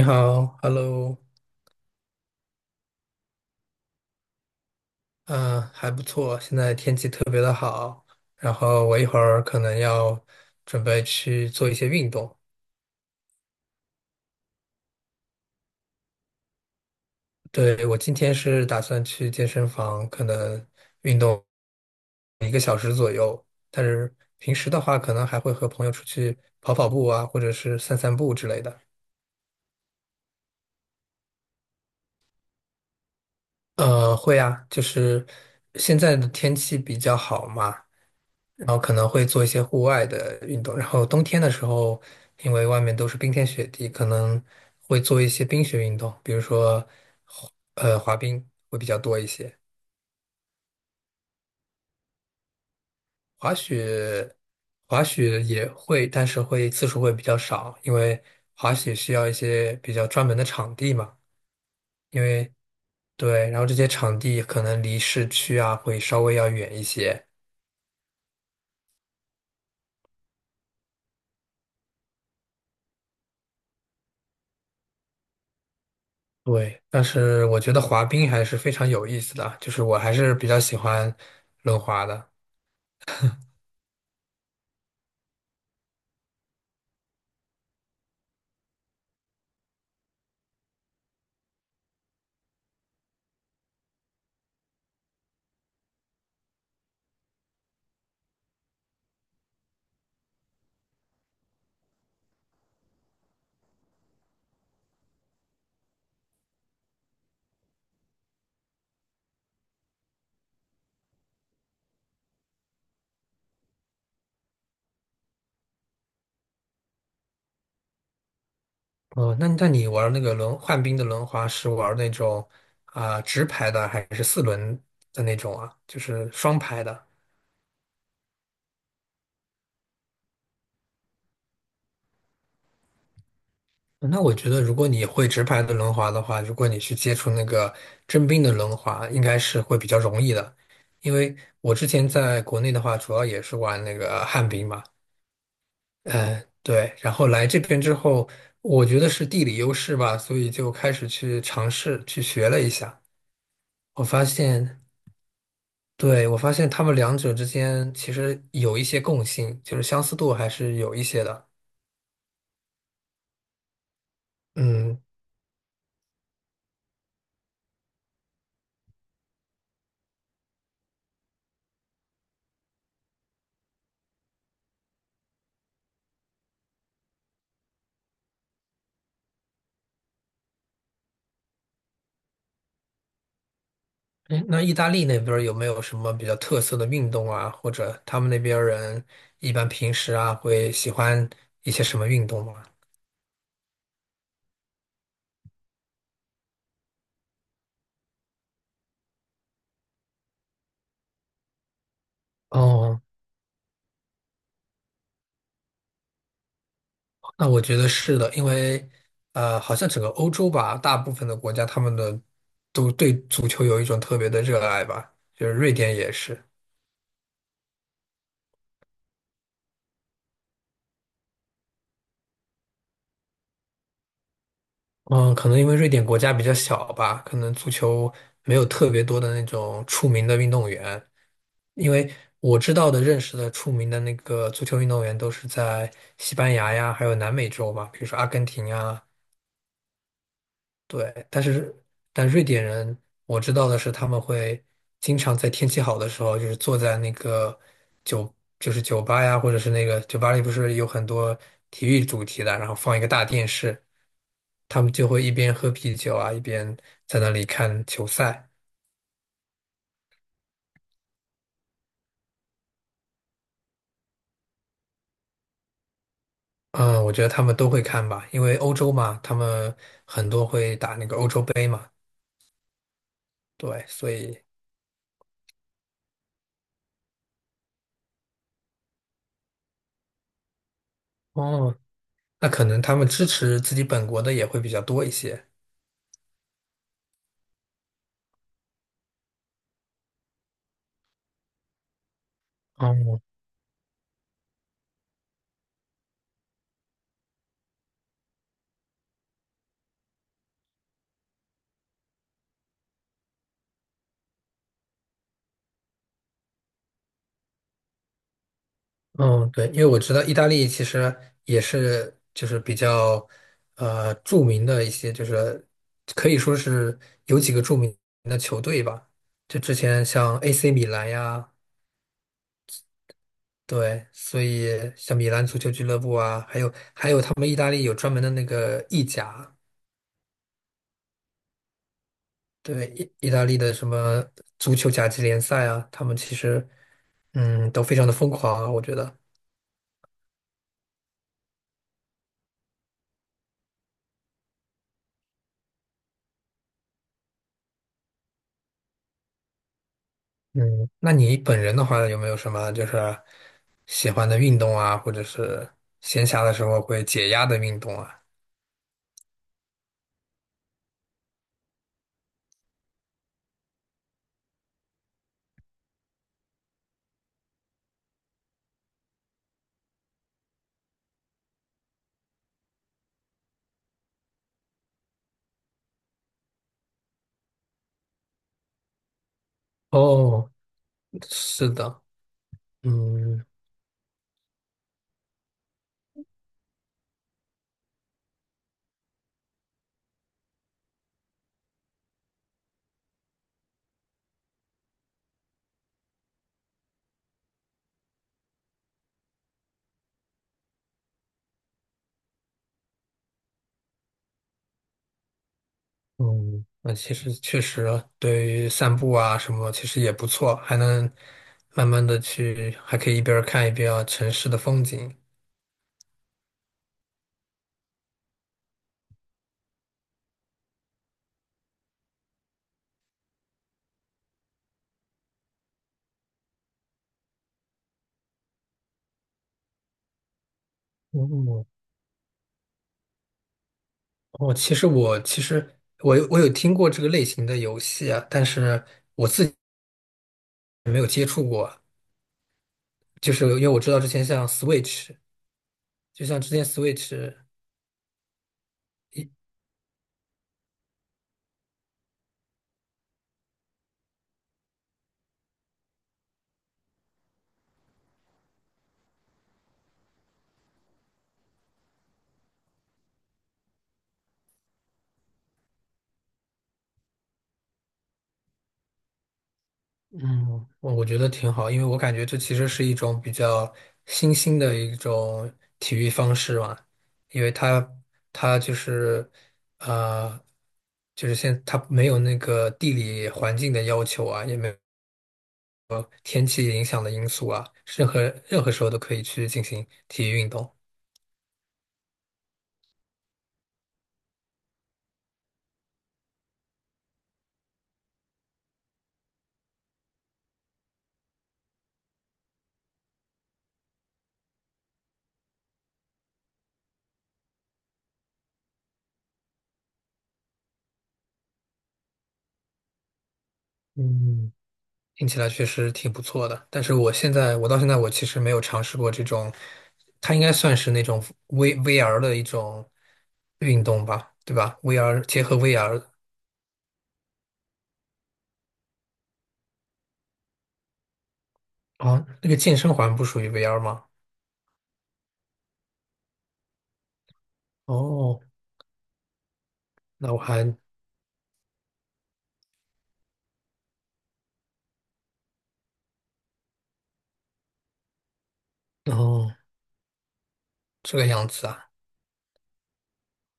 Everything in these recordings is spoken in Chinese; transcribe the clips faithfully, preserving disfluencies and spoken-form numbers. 你好，Hello。嗯，还不错，现在天气特别的好，然后我一会儿可能要准备去做一些运动。对，我今天是打算去健身房，可能运动。但是平时的话，可能还会和朋友出去跑跑步啊，或者是散散步之类的。呃，会啊，就是现在的天气比较好嘛，然后可能会做一些户外的运动。然后冬天的时候，因为外面都是冰天雪地，可能会做一些冰雪运动，比如说滑呃滑冰会比较多一些。滑雪滑雪也会，但是会次数会比较少，因为滑雪需要一些比较专门的场地嘛。因为对，然后这些场地可能离市区啊会稍微要远一些。对，但是我觉得滑冰还是非常有意思的啊，就是我还是比较喜欢轮滑的。哦，那那你玩那个轮旱冰的轮滑是玩那种啊、直排的还是四轮的那种啊？就是双排的。嗯那我觉得如果你会直排的轮滑的话，如果你去接触那个真冰的轮滑，应该是会比较容易的。因为我之前在国内的话，主要也是玩那个旱冰嘛。嗯，对，然后来这边之后，我觉得是地理优势吧，所以就开始去尝试去学了一下。我发现，对，我发现他们两者之间其实有一些共性，就是相似度还是有一些的。嗯，诶那意大利那边儿有没有什么比较特色的运动啊，或者他们那边儿人一般平时啊会喜欢一些什么运动吗？哦。那我觉得是的，因为呃，好像整个欧洲吧，大部分的国家他们的都对足球有一种特别的热爱吧，就是瑞典也是。嗯，可能因为瑞典国家比较小吧，可能足球没有特别多的那种出名的运动员。因为我知道的、认识的出名的那个足球运动员都是在西班牙呀，还有南美洲吧，比如说阿根廷啊。对，但是但瑞典人我知道的是，他们会经常在天气好的时候，就是坐在那个酒，就是酒吧呀，或者是那个酒吧里不是有很多体育主题的，然后放一个大电视。他们就会一边喝啤酒啊，一边在那里看球赛。嗯，我觉得他们都会看吧，因为欧洲嘛，他们很多会打那个欧洲杯嘛。对，所以哦，那可能他们支持自己本国的也会比较多一些。哦，嗯，对，因为我知道意大利其实也是就是比较呃著名的一些，就是可以说是有几个著名的球队吧。就之前像 A C 米兰呀。对，所以像米兰足球俱乐部啊，还有还有他们意大利有专门的那个意甲。对，意意大利的什么足球甲级联赛啊，他们其实嗯都非常的疯狂啊，我觉得。嗯，那你本人的话，有没有什么就是喜欢的运动啊，或者是闲暇的时候会解压的运动啊？哦，是的，嗯嗯。那其实确实对于散步啊什么，其实也不错，还能慢慢的去，还可以一边儿看一边儿城市的风景。哦，哦，其实我其实我有我有听过这个类型的游戏啊，但是我自己没有接触过，就是因为我知道之前像 Switch。就像之前 Switch，嗯我我觉得挺好，因为我感觉这其实是一种比较新兴的一种体育方式嘛。因为它它就是呃，就是现它没有那个地理环境的要求啊，也没有天气影响的因素啊，任何任何时候都可以去进行体育运动。嗯。听起来确实挺不错的，但是我现在，我到现在我其实没有尝试过这种，它应该算是那种 V VR 的一种运动吧，对吧？VR 结合 VR。哦，那个健身环不属于 V R 吗？哦，那我还，哦，这个样子啊。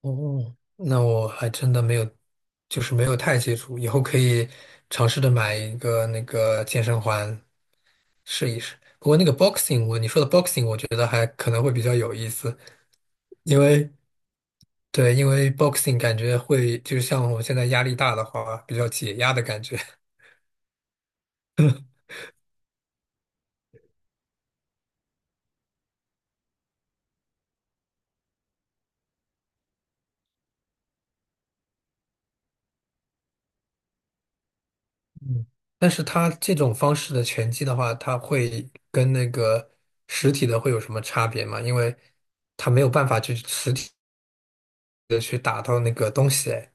哦，那我还真的没有，就是没有太接触，以后可以尝试着买一个那个健身环试一试。不过那个 boxing，我你说的 boxing，我觉得还可能会比较有意思。因为对，因为 boxing 感觉会，就像我现在压力大的话，比较解压的感觉。嗯，但是它这种方式的拳击的话，它会跟那个实体的会有什么差别吗？因为它没有办法去实体的去打到那个东西。哎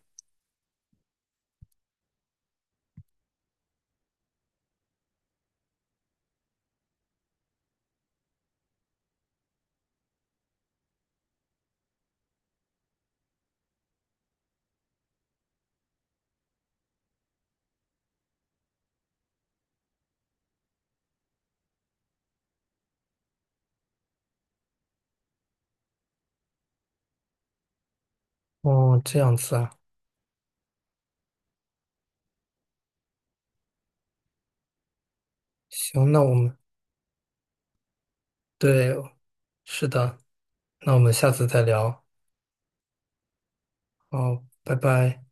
哦，这样子啊。行，那我们，对，是的，那我们下次再聊。好，拜拜。